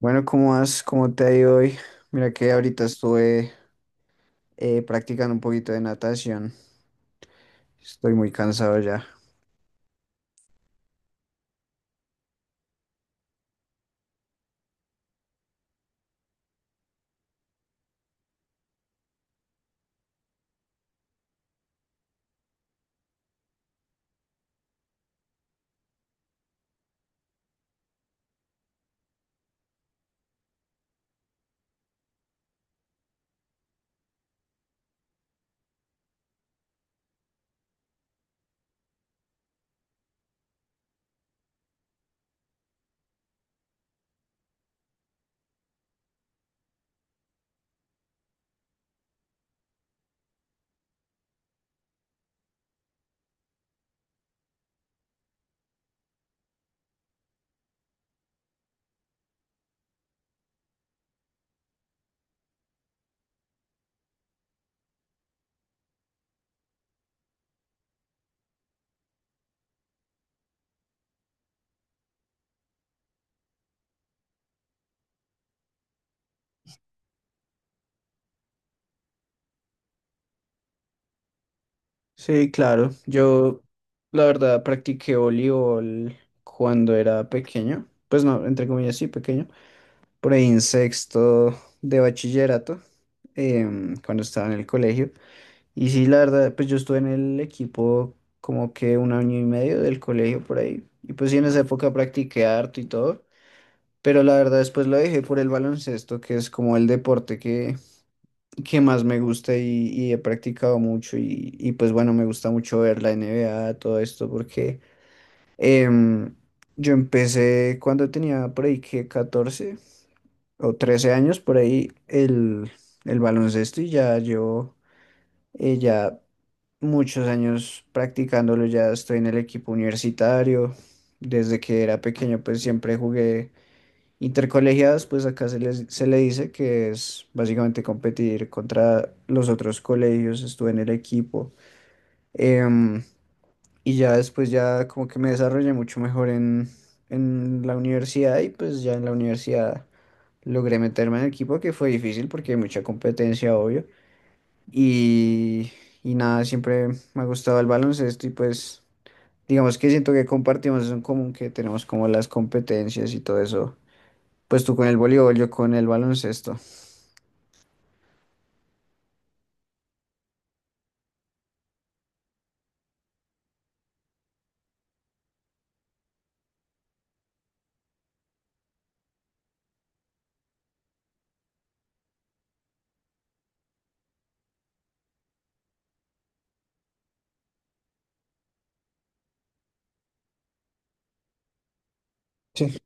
Bueno, ¿cómo vas? ¿Cómo te ha ido hoy? Mira que ahorita estuve practicando un poquito de natación. Estoy muy cansado ya. Sí, claro. Yo, la verdad, practiqué voleibol cuando era pequeño. Pues no, entre comillas, sí, pequeño. Por ahí en sexto de bachillerato, cuando estaba en el colegio. Y sí, la verdad, pues yo estuve en el equipo como que un año y medio del colegio por ahí. Y pues sí, en esa época practiqué harto y todo. Pero la verdad después lo dejé por el baloncesto, que es como el deporte que más me gusta y he practicado mucho y pues bueno, me gusta mucho ver la NBA, todo esto, porque em, yo empecé cuando tenía por ahí que 14 o 13 años, por ahí el baloncesto y ya yo ya muchos años practicándolo, ya estoy en el equipo universitario, desde que era pequeño pues siempre jugué Intercolegiadas. Pues acá se le dice que es básicamente competir contra los otros colegios, estuve en el equipo. Em, y ya después ya como que me desarrollé mucho mejor en, la universidad y pues ya en la universidad logré meterme en el equipo, que fue difícil porque hay mucha competencia, obvio. Y, y nada, siempre me ha gustado el baloncesto y pues digamos que siento que compartimos eso en común, que tenemos como las competencias y todo eso, pues tú con el voleibol, yo con el baloncesto. Sí.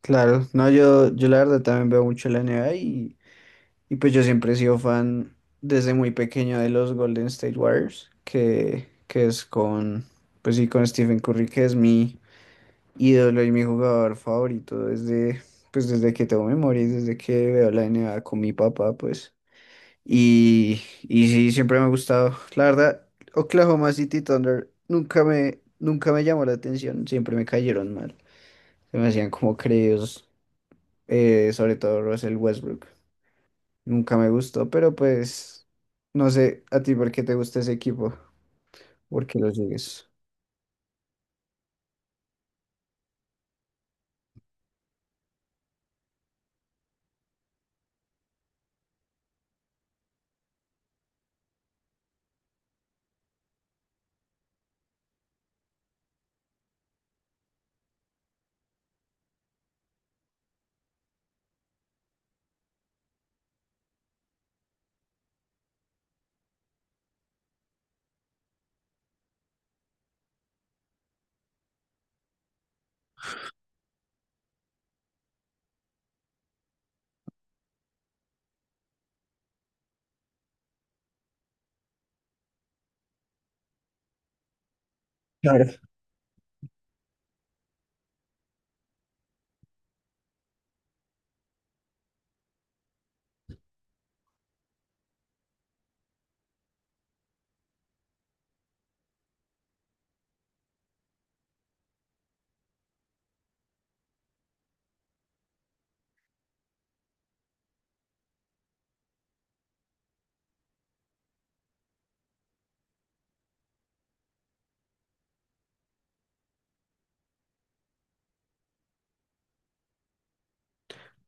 Claro, no, yo la verdad también veo mucho la NBA, y pues yo siempre he sido fan desde muy pequeño de los Golden State Warriors, que es con, pues sí, con Stephen Curry, que es mi ídolo y mi jugador favorito desde, pues desde que tengo memoria y desde que veo la NBA con mi papá, pues. Y sí, siempre me ha gustado. La verdad, Oklahoma City Thunder nunca me llamó la atención, siempre me cayeron mal. Se me hacían como creídos, sobre todo Russell Westbrook. Nunca me gustó, pero pues no sé a ti por qué te gusta ese equipo, por qué lo sigues. Claro.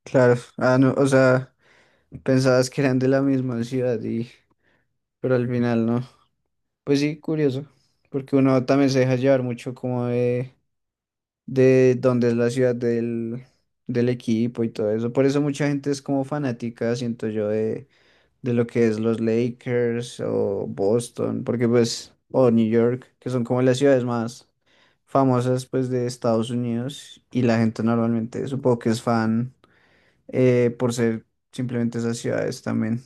Claro, ah, no, o sea, pensabas que eran de la misma ciudad y, pero al final no. Pues sí, curioso, porque uno también se deja llevar mucho como de dónde es la ciudad del, del equipo y todo eso. Por eso mucha gente es como fanática, siento yo, de lo que es los Lakers o Boston, porque pues, o New York, que son como las ciudades más famosas pues de Estados Unidos, y la gente normalmente supongo que es fan por ser simplemente esas ciudades también.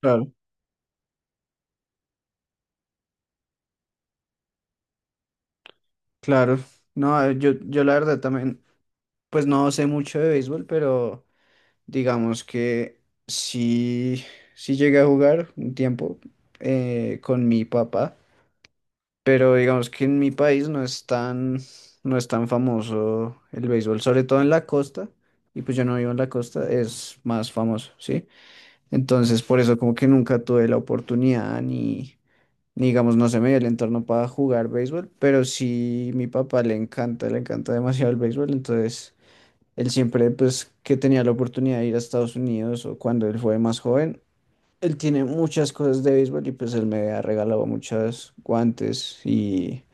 Claro. Claro, no, yo, la verdad también, pues no sé mucho de béisbol, pero digamos que sí, sí llegué a jugar un tiempo con mi papá. Pero digamos que en mi país no es tan famoso el béisbol, sobre todo en la costa, y pues yo no vivo en la costa, es más famoso, ¿sí? Entonces por eso como que nunca tuve la oportunidad ni digamos, no se me dio el entorno para jugar béisbol, pero sí mi papá le encanta demasiado el béisbol. Entonces él siempre pues que tenía la oportunidad de ir a Estados Unidos o cuando él fue más joven. Él tiene muchas cosas de béisbol y pues él me ha regalado muchos guantes y,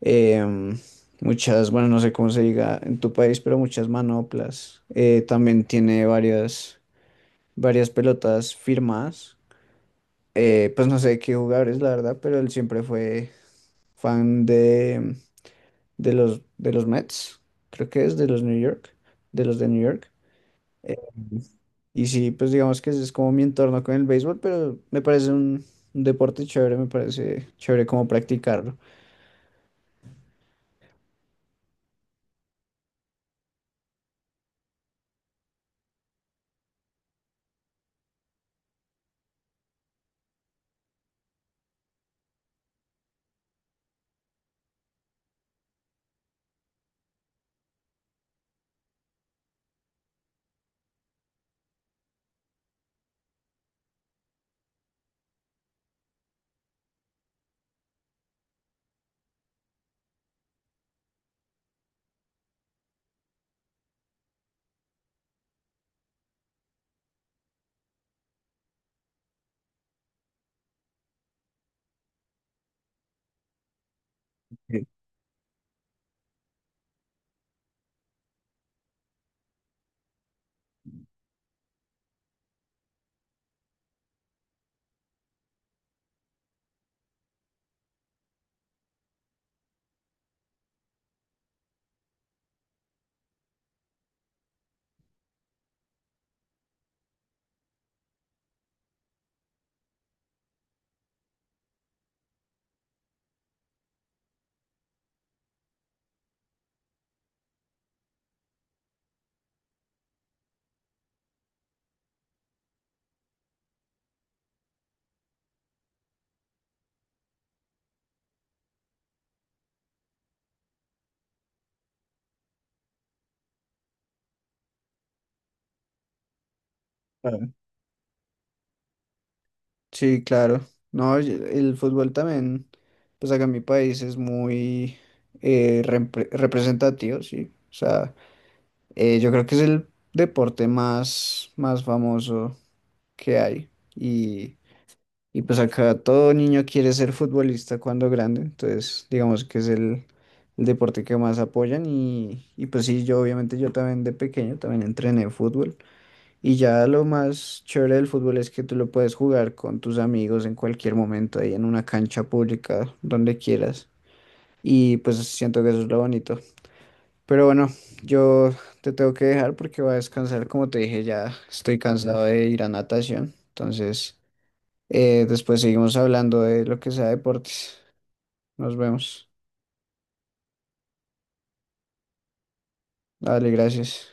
em, muchas, bueno, no sé cómo se diga en tu país, pero muchas manoplas. También tiene varias pelotas firmadas. Pues no sé qué jugadores, la verdad, pero él siempre fue fan de, de los Mets, creo que es de los New York, de los de New York. Eh, y sí, pues digamos que ese es como mi entorno con el béisbol, pero me parece un deporte chévere, me parece chévere como practicarlo. Sí. Sí, claro. No, el fútbol también, pues acá en mi país es muy representativo, sí. O sea, yo creo que es el deporte más, más famoso que hay. Y pues acá todo niño quiere ser futbolista cuando grande, entonces digamos que es el deporte que más apoyan. Y pues sí, yo obviamente yo también de pequeño también entrené fútbol. Y ya lo más chévere del fútbol es que tú lo puedes jugar con tus amigos en cualquier momento, ahí en una cancha pública, donde quieras. Y pues siento que eso es lo bonito. Pero bueno, yo te tengo que dejar porque voy a descansar. Como te dije, ya estoy cansado de ir a natación. Entonces, después seguimos hablando de lo que sea deportes. Nos vemos. Dale, gracias.